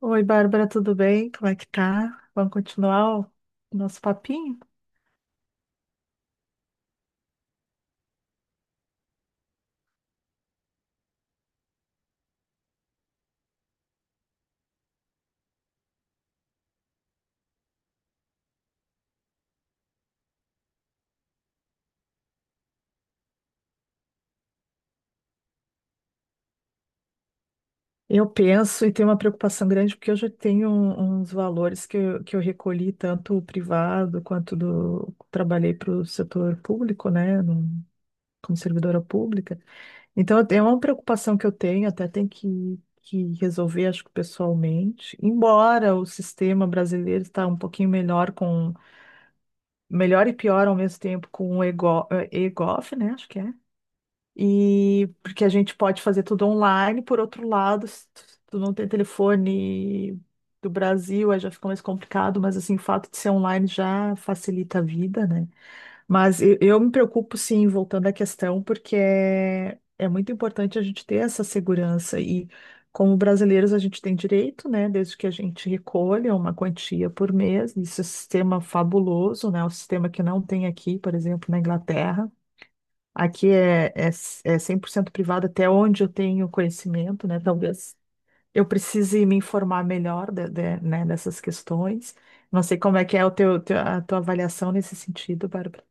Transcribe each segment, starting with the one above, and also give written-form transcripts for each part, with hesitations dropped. Oi, Bárbara, tudo bem? Como é que tá? Vamos continuar o nosso papinho? Eu penso e tenho uma preocupação grande porque eu já tenho uns valores que eu recolhi tanto o privado quanto do trabalhei para o setor público, né, como servidora pública. Então eu é uma preocupação que eu tenho, até tem que resolver, acho que pessoalmente. Embora o sistema brasileiro está um pouquinho melhor com melhor e pior ao mesmo tempo com o EGO, EGOF, né, acho que é. E porque a gente pode fazer tudo online, por outro lado, se tu não tem telefone do Brasil, aí já fica mais complicado, mas assim, o fato de ser online já facilita a vida, né? Mas eu me preocupo, sim, voltando à questão, porque é muito importante a gente ter essa segurança e como brasileiros a gente tem direito, né, desde que a gente recolha uma quantia por mês, isso é um sistema fabuloso, né, o sistema que não tem aqui, por exemplo, na Inglaterra. Aqui é 100% privado, até onde eu tenho conhecimento, né? Talvez eu precise me informar melhor né, dessas questões. Não sei como é que é o a tua avaliação nesse sentido, Bárbara.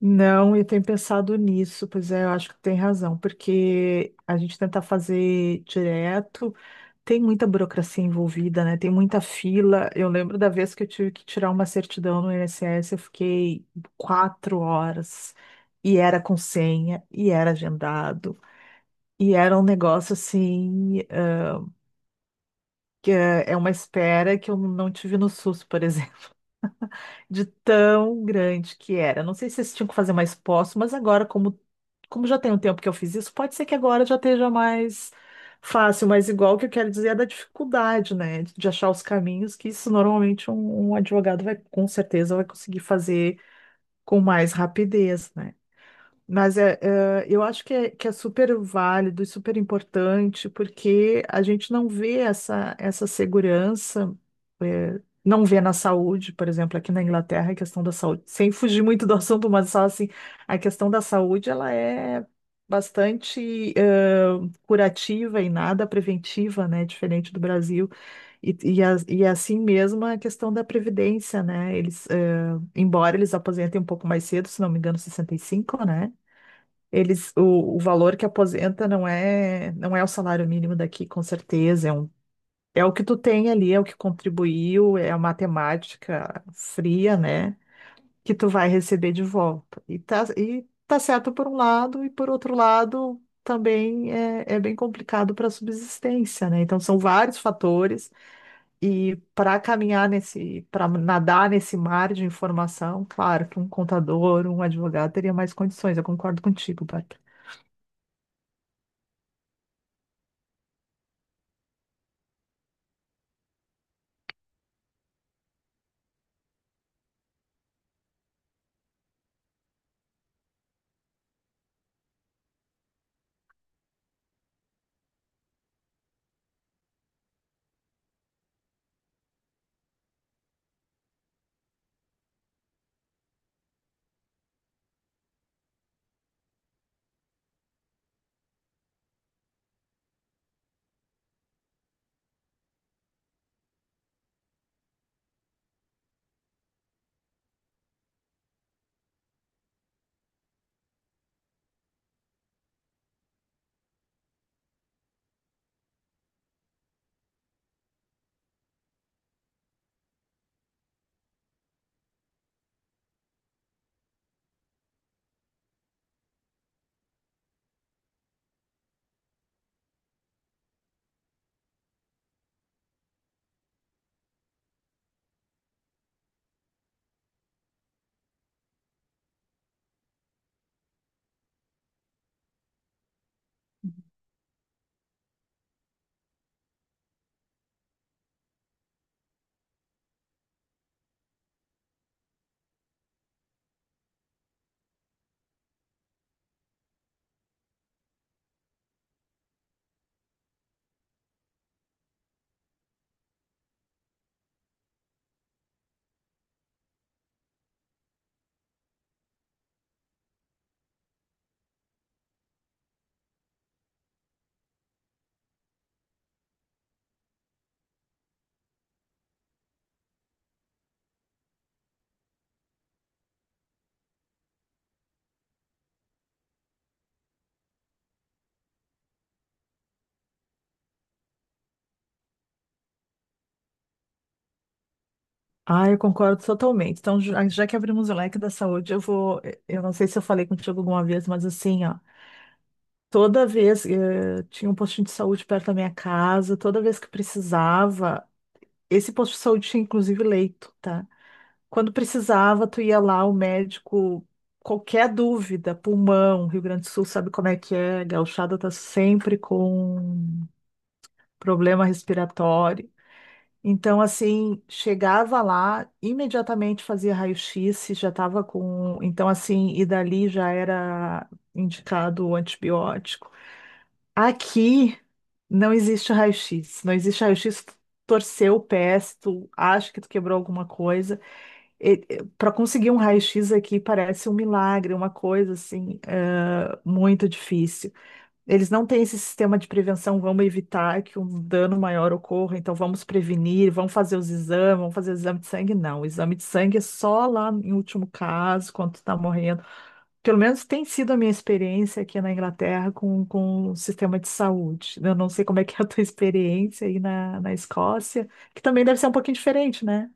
Não, eu tenho pensado nisso, pois é, eu acho que tem razão, porque a gente tenta fazer direto. Tem muita burocracia envolvida, né? Tem muita fila. Eu lembro da vez que eu tive que tirar uma certidão no INSS, eu fiquei 4 horas e era com senha e era agendado e era um negócio assim, que é uma espera que eu não tive no SUS, por exemplo, de tão grande que era. Não sei se vocês tinham que fazer mais poço, mas agora, como já tem um tempo que eu fiz isso, pode ser que agora já esteja mais fácil, mas igual o que eu quero dizer é da dificuldade, né? De achar os caminhos, que isso normalmente um advogado vai, com certeza, vai conseguir fazer com mais rapidez, né? Mas eu acho que que é super válido e super importante, porque a gente não vê essa segurança, não vê na saúde, por exemplo, aqui na Inglaterra, a questão da saúde, sem fugir muito do assunto, mas só assim, a questão da saúde, ela é bastante curativa e nada preventiva, né, diferente do Brasil, e é assim mesmo a questão da previdência, né, eles, embora eles aposentem um pouco mais cedo, se não me engano, 65, né, o valor que aposenta não é, não é o salário mínimo daqui, com certeza. É um, é o que tu tem ali, é o que contribuiu, é a matemática fria, né? Que tu vai receber de volta. E tá certo por um lado, e por outro lado, também é bem complicado para a subsistência, né? Então são vários fatores, e para caminhar nesse, para nadar nesse mar de informação, claro que um contador, um advogado teria mais condições. Eu concordo contigo, Bárbara. Ah, eu concordo totalmente. Então, já que abrimos o leque da saúde, eu vou. Eu não sei se eu falei contigo alguma vez, mas assim, ó, toda vez tinha um postinho de saúde perto da minha casa, toda vez que precisava, esse posto de saúde tinha inclusive leito, tá? Quando precisava, tu ia lá, o médico, qualquer dúvida, pulmão, Rio Grande do Sul sabe como é que é, gauchada tá sempre com problema respiratório. Então, assim, chegava lá, imediatamente fazia raio-x, se já estava com. Então, assim, e dali já era indicado o antibiótico. Aqui não existe raio-x, não existe raio-x. Tu Torceu o pé, se tu acha que tu quebrou alguma coisa. Para conseguir um raio-x aqui parece um milagre, uma coisa assim, muito difícil. Eles não têm esse sistema de prevenção, vamos evitar que um dano maior ocorra, então vamos prevenir, vamos fazer os exames, vamos fazer o exame de sangue. Não, o exame de sangue é só lá em último caso, quando tu tá morrendo. Pelo menos tem sido a minha experiência aqui na Inglaterra com o sistema de saúde. Eu não sei como é que é a tua experiência aí na Escócia, que também deve ser um pouquinho diferente, né?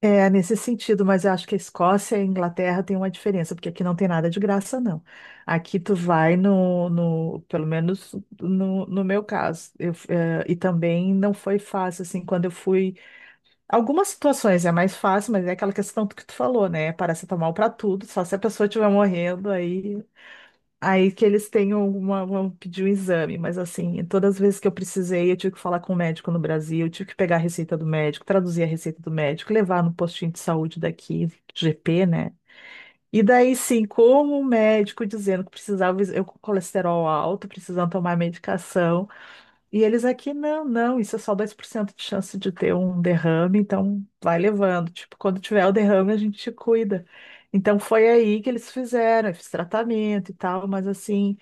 É, nesse sentido, mas eu acho que a Escócia e a Inglaterra têm uma diferença, porque aqui não tem nada de graça, não. Aqui tu vai pelo menos no meu caso, eu, e também não foi fácil, assim, quando eu fui, algumas situações é mais fácil, mas é aquela questão que tu falou, né, paracetamol pra tudo, só se a pessoa estiver morrendo, aí que eles tenham uma, vão pedir um exame, mas assim, todas as vezes que eu precisei, eu tive que falar com o médico no Brasil, eu tive que pegar a receita do médico, traduzir a receita do médico, levar no postinho de saúde daqui, GP, né? E daí sim, como o médico dizendo que precisava, eu com colesterol alto, precisando tomar medicação, e eles aqui, não, isso é só 2% de chance de ter um derrame, então vai levando. Tipo, quando tiver o derrame, a gente te cuida. Então foi aí que eles fizeram, eu fiz tratamento e tal, mas assim,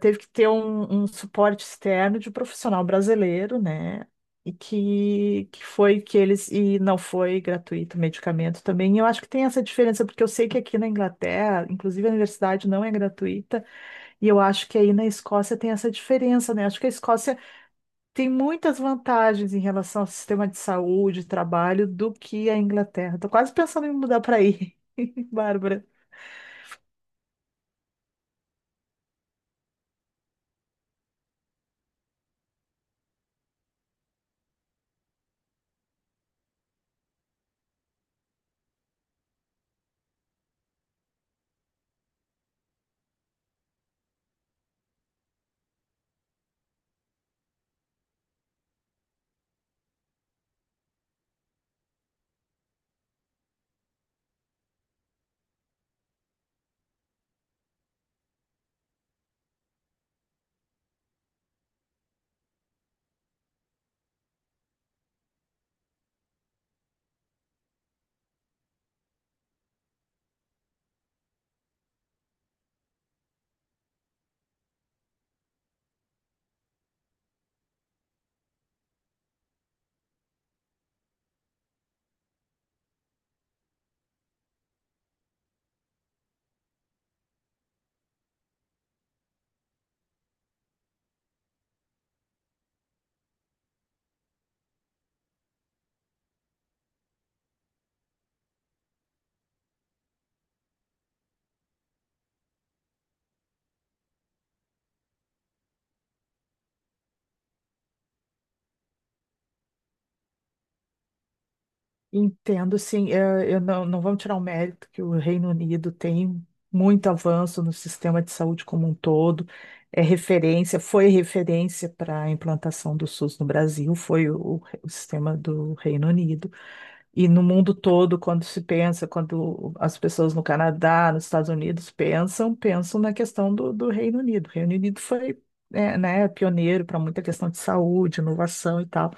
teve que ter um suporte externo de um profissional brasileiro, né? E que foi que eles, e não foi gratuito o medicamento também. E eu acho que tem essa diferença, porque eu sei que aqui na Inglaterra, inclusive a universidade não é gratuita, e eu acho que aí na Escócia tem essa diferença, né? Acho que a Escócia tem muitas vantagens em relação ao sistema de saúde, trabalho, do que a Inglaterra. Tô quase pensando em mudar para aí, Bárbara. Entendo, sim. Eu não, não vamos tirar o mérito que o Reino Unido tem muito avanço no sistema de saúde como um todo. É referência, foi referência para a implantação do SUS no Brasil, foi o sistema do Reino Unido. E no mundo todo, quando se pensa, quando as pessoas no Canadá, nos Estados Unidos pensam, pensam na questão do, do Reino Unido. O Reino Unido foi, né, pioneiro para muita questão de saúde, inovação e tal.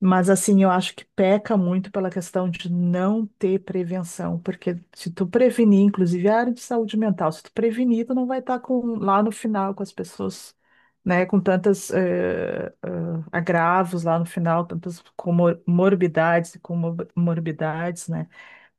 Mas assim, eu acho que peca muito pela questão de não ter prevenção, porque se tu prevenir, inclusive a área de saúde mental, se tu prevenir, tu não vai estar com, lá no final com as pessoas, né, com tantas agravos lá no final, tantas morbidades e comorbidades, né?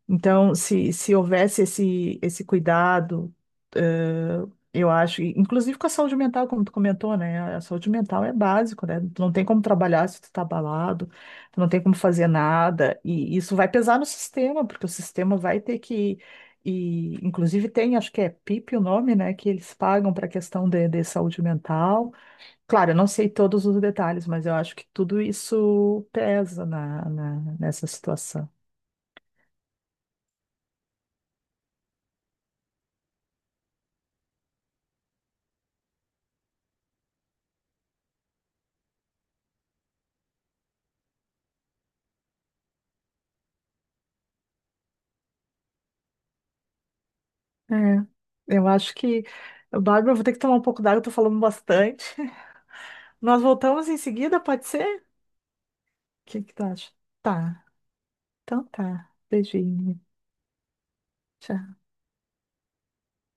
Então, se houvesse esse cuidado, eh, eu acho, e inclusive com a saúde mental, como tu comentou, né? A saúde mental é básico, né? Tu não tem como trabalhar se tu tá abalado, tu não tem como fazer nada, e isso vai pesar no sistema, porque o sistema vai ter que, e inclusive tem, acho que é PIP o nome, né? Que eles pagam para a questão de saúde mental. Claro, eu não sei todos os detalhes, mas eu acho que tudo isso pesa nessa situação. É, eu acho que, Bárbara, eu vou ter que tomar um pouco d'água, eu tô falando bastante. Nós voltamos em seguida, pode ser? O que que tu acha? Tá, então tá. Beijinho. Tchau.